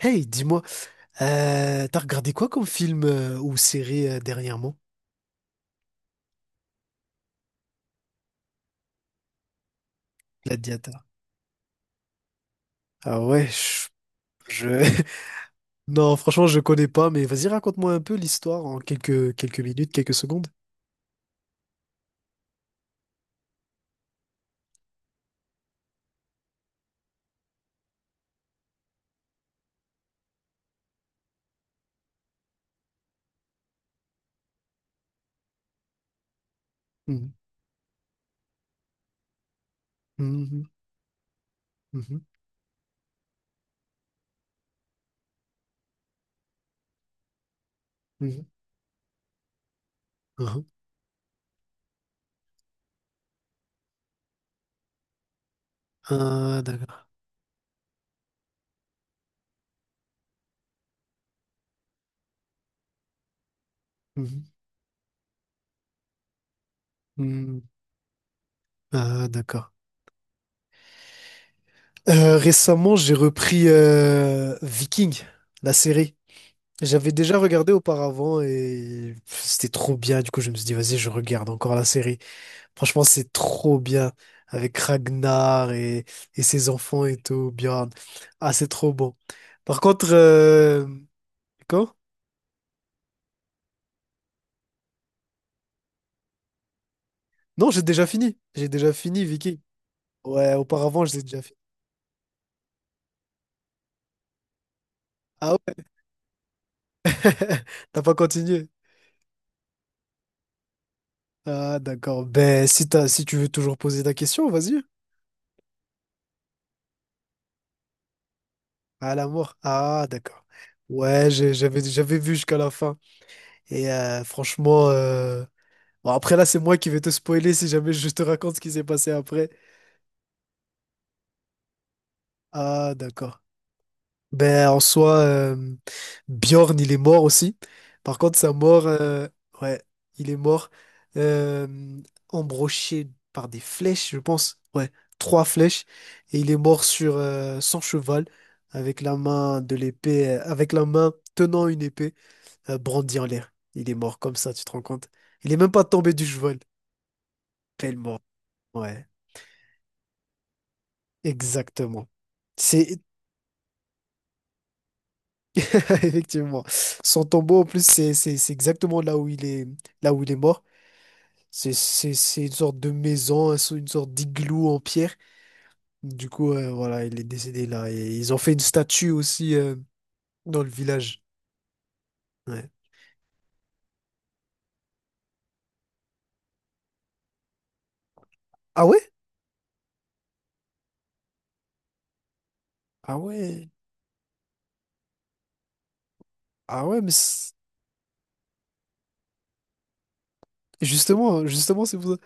Hey, dis-moi, t'as regardé quoi comme film ou série dernièrement? Gladiator. Ah ouais, je- Non, franchement, je connais pas, mais vas-y, raconte-moi un peu l'histoire en quelques minutes, quelques secondes. Mhm, mhm, mhm, mhm, mhm. Ah, d'accord. Mhm, mhm. Ah, d'accord. Récemment, j'ai repris Viking, la série. J'avais déjà regardé auparavant et pff, c'était trop bien. Du coup, je me suis dit, vas-y, je regarde encore la série. Franchement, c'est trop bien avec Ragnar et, ses enfants et tout, Bjorn. Ah, c'est trop bon. Par contre, quoi? Non, j'ai déjà fini. J'ai déjà fini, Vicky. Ouais, auparavant, j'ai déjà fini. Ah ouais? T'as pas continué? Ah, d'accord. Ben, si tu veux toujours poser ta question, vas-y. À l'amour. Ah, d'accord. Ouais, j'avais vu jusqu'à la fin. Et franchement, bon, après là, c'est moi qui vais te spoiler si jamais je te raconte ce qui s'est passé après. Ah, d'accord. Ben, en soi, Bjorn, il est mort aussi. Par contre, sa mort, ouais, il est mort. euh, Embroché par des flèches, je pense. Ouais, trois flèches. Et il est mort sur son cheval, avec la main de l'épée, avec la main tenant une épée, brandie en l'air. Il est mort comme ça, tu te rends compte? Il est même pas tombé du cheval. Tellement. Ouais, exactement. C'est Effectivement. Son tombeau, en plus, c'est exactement là où il est, là où il est mort. C'est une sorte de maison, une sorte d'igloo en pierre. Du coup, voilà, il est décédé là. Et ils ont fait une statue aussi dans le village. Ouais. Ah ouais? Ah ouais. Ah ouais, justement, c'est pour ça.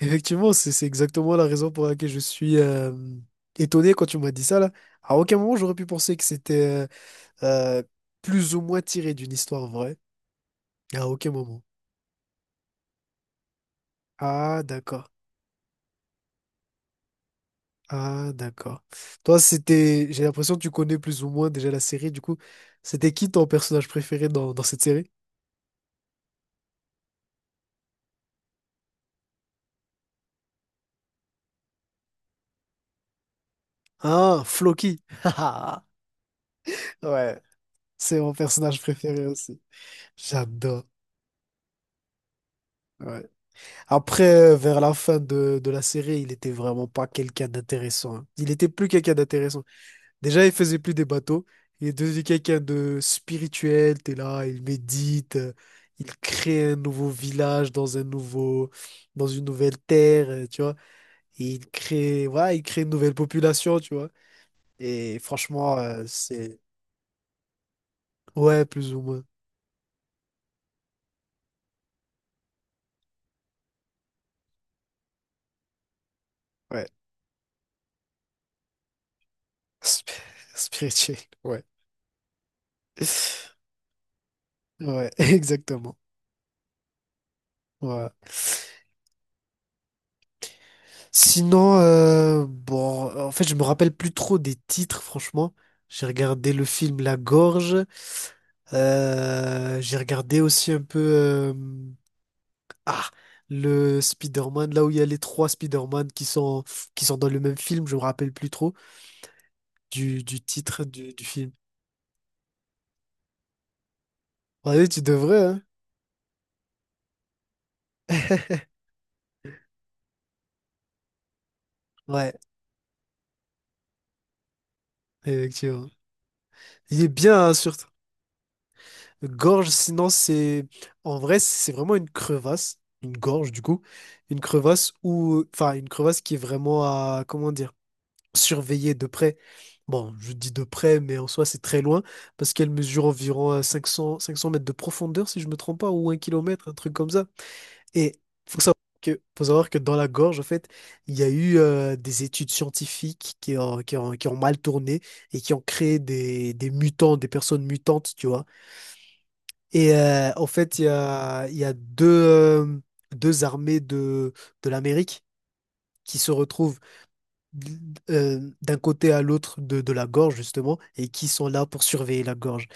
Effectivement, c'est exactement la raison pour laquelle je suis étonné quand tu m'as dit ça là. À aucun moment, j'aurais pu penser que c'était euh, euh, plus ou moins tiré d'une histoire vraie. À aucun moment. Ah, d'accord. Ah, d'accord. Toi, c'était. J'ai l'impression que tu connais plus ou moins déjà la série. Du coup, c'était qui ton personnage préféré dans cette série? Ah, Floki. Ouais, c'est mon personnage préféré aussi. J'adore. Ouais. Après, vers la fin de la série, il était vraiment pas quelqu'un d'intéressant, hein. Il était plus quelqu'un d'intéressant. Déjà, il faisait plus des bateaux. Il est devenu quelqu'un de spirituel. T'es là, il médite, il crée un nouveau village dans une nouvelle terre, tu vois. Et il crée, voilà, il crée une nouvelle population, tu vois. Et franchement, ouais, plus ou moins, ouais, Sp- spirituel, ouais, ouais, exactement, voilà. Sinon, bon, en fait, je me rappelle plus trop des titres, franchement. J'ai regardé le film La Gorge. J'ai regardé aussi un peu ah le Spider-Man, là où il y a les trois Spider-Man qui sont dans le même film, je me rappelle plus trop du titre du film. Ouais, tu devrais, hein? Ouais, effectivement. Il est bien, hein, surtout. Gorge, sinon, c'est. En vrai, c'est vraiment une crevasse. Une gorge, du coup. Une crevasse ou. Enfin, une crevasse qui est vraiment à. Comment dire? Surveiller de près. Bon, je dis de près, mais en soi, c'est très loin. Parce qu'elle mesure environ 500 mètres de profondeur, si je me trompe pas, ou un kilomètre, un truc comme ça. Et faut savoir faut savoir que dans la gorge, en fait, il y a eu des études scientifiques qui ont mal tourné et qui ont créé des mutants, des personnes mutantes, tu vois. Et en fait, il y a deux armées de l'Amérique qui se retrouvent d'un côté à l'autre de la gorge, justement, et qui sont là pour surveiller la gorge.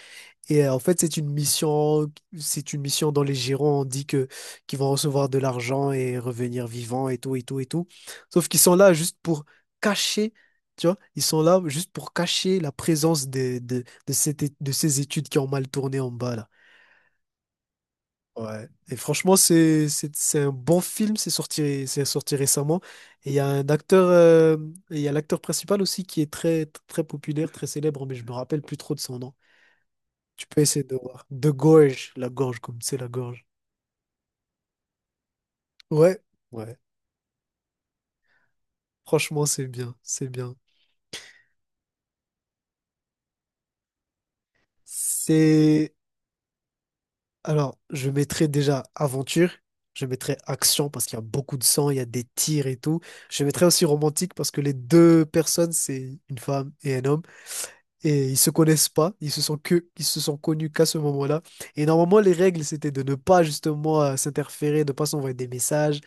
Et en fait, c'est une mission dans les Girons, on dit que qu'ils vont recevoir de l'argent et revenir vivants et tout, et tout, et tout. Sauf qu'ils sont là juste pour cacher. Tu vois, ils sont là juste pour cacher la présence de ces études qui ont mal tourné en bas là. Ouais. Et franchement, c'est un bon film, c'est sorti récemment. Et il y a un acteur, euh, et il y a l'acteur principal aussi qui est très, très populaire, très célèbre, mais je me rappelle plus trop de son nom. Tu peux essayer de voir. De Gorge, la gorge, comme c'est la gorge. Ouais, ouais. Franchement, c'est bien, c'est bien. C'est... Alors, je mettrai déjà aventure, je mettrai action parce qu'il y a beaucoup de sang, il y a des tirs et tout. Je mettrai aussi romantique parce que les deux personnes, c'est une femme et un homme. Et ils se connaissent pas, ils se sont connus qu'à ce moment-là. Et normalement, les règles, c'était de ne pas justement s'interférer, de pas s'envoyer des messages,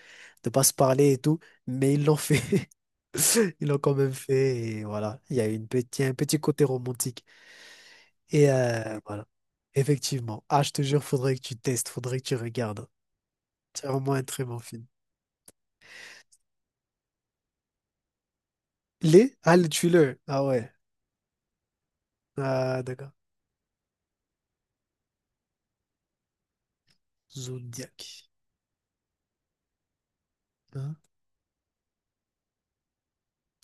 de pas se parler et tout. Mais ils l'ont fait, ils l'ont quand même fait. Et voilà, il y a un petit côté romantique. Et voilà, effectivement. Ah, je te jure, faudrait que tu testes, faudrait que tu regardes. C'est vraiment un très bon film. Les? Ah, le thriller. Ah ouais. Ah, d'accord. Zodiac. Hein.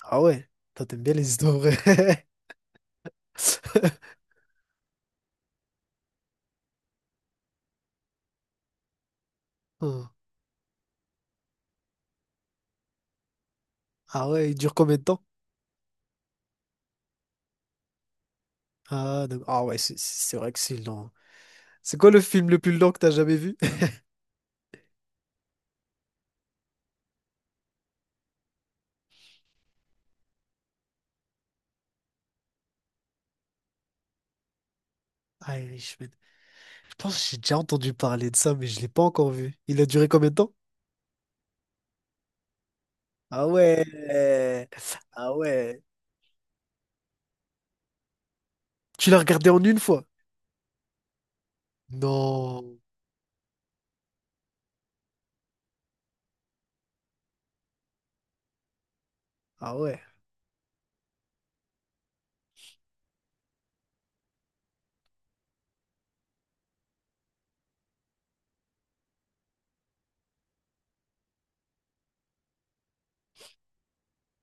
Ah ouais. Toi, t'aimes bien les histoires vraies. Hmm. Ah ouais, il dure combien de temps? Ah ouais, c'est vrai que c'est long. C'est quoi le film le plus long que t'as jamais vu? Irishman. Je pense que j'ai déjà entendu parler de ça, mais je l'ai pas encore vu. Il a duré combien de temps? Ah ouais. Ah ouais. Tu l'as regardé en une fois? Non. Ah ouais.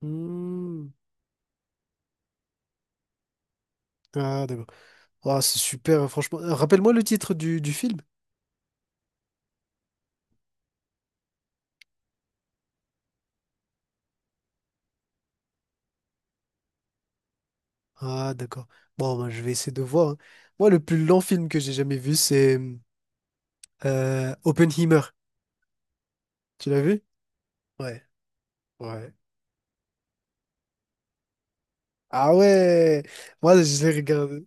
Hmm. Ah, d'accord. Ah, c'est super, hein, franchement. Rappelle-moi le titre du film. Ah, d'accord. Bon, bah, je vais essayer de voir, hein. Moi, le plus long film que j'ai jamais vu, c'est Oppenheimer. Tu l'as vu? Ouais. Ouais. Ah ouais! Moi, je l'ai regardé.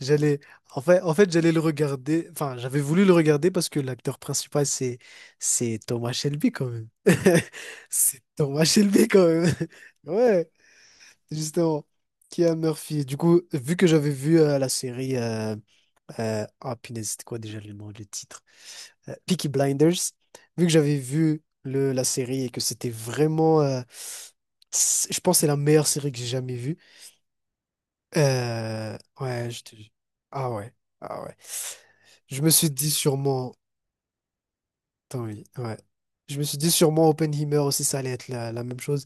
J'allais, en fait, j'allais le regarder. Enfin, j'avais voulu le regarder parce que l'acteur principal, c'est Thomas Shelby quand même. C'est Thomas Shelby quand même. Ouais, justement. Kia Murphy. Du coup, vu que j'avais vu la série, ah punaise, c'était quoi déjà le nom, le titre? Peaky Blinders. Vu que j'avais vu la série et que c'était vraiment, je pense, que c'est la meilleure série que j'ai jamais vue. Ouais, Ah ouais, ah ouais. Je me suis dit sûrement... Tant oui, ouais. Je me suis dit sûrement Oppenheimer aussi, ça allait être la même chose.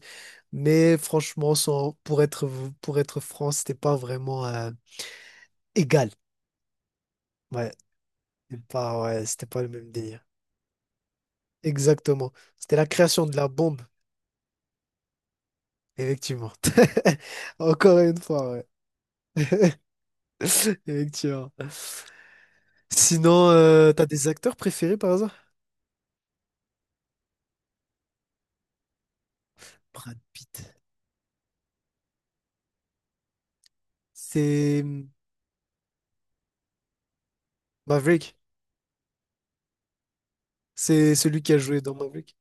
Mais franchement, sans... pour être franc, c'était pas vraiment égal. Ouais, ouais, c'était pas le même délire. Exactement. C'était la création de la bombe, effectivement. Encore une fois, ouais. Effectivement. Sinon, t'as des acteurs préférés par hasard? Brad Pitt. C'est hmm, Maverick, c'est celui qui a joué dans Maverick.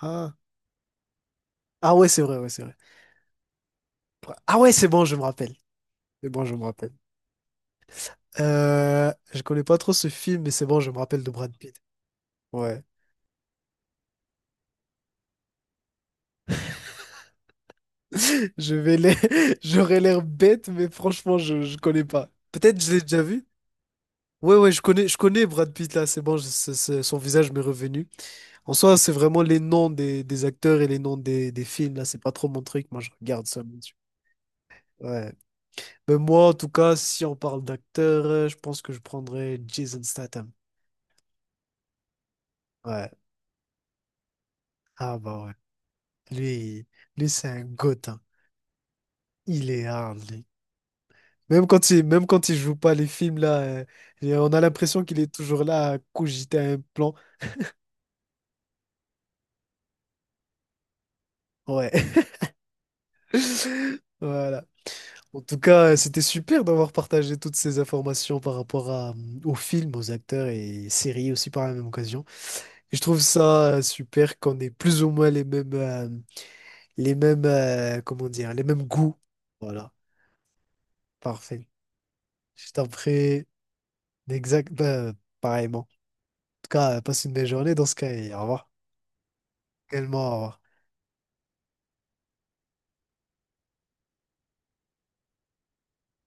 Ah, ah ouais, c'est vrai, ouais, c'est vrai. Ah ouais, c'est bon, je me rappelle. C'est bon, je me rappelle. Je connais pas trop ce film, mais c'est bon, je me rappelle de Brad Pitt. Ouais. Je vais l'air... J'aurais l'air bête, mais franchement, je connais pas. Peut-être je l'ai déjà vu. Ouais, ouais, je connais Brad Pitt là, c'est bon, son visage m'est revenu. En soi, c'est vraiment les noms des acteurs et les noms des films là, c'est pas trop mon truc, moi je regarde ça, mon Dieu. Ouais. Mais moi, en tout cas, si on parle d'acteur, je pense que je prendrais Jason Statham. Ouais. Ah bah ouais. Lui, lui c'est un goth, hein. Il est hard, lui. Même quand il joue pas les films, là, et on a l'impression qu'il est toujours là à cogiter un plan. Ouais. Voilà. En tout cas, c'était super d'avoir partagé toutes ces informations par rapport à, aux films, aux acteurs et séries aussi par la même occasion. Et je trouve ça super qu'on ait plus ou moins les mêmes, comment dire, les mêmes goûts. Voilà, parfait. Je t'en prie, exact, ben, pareillement. En tout cas, passe une belle journée dans ce cas et au revoir. Également, au revoir.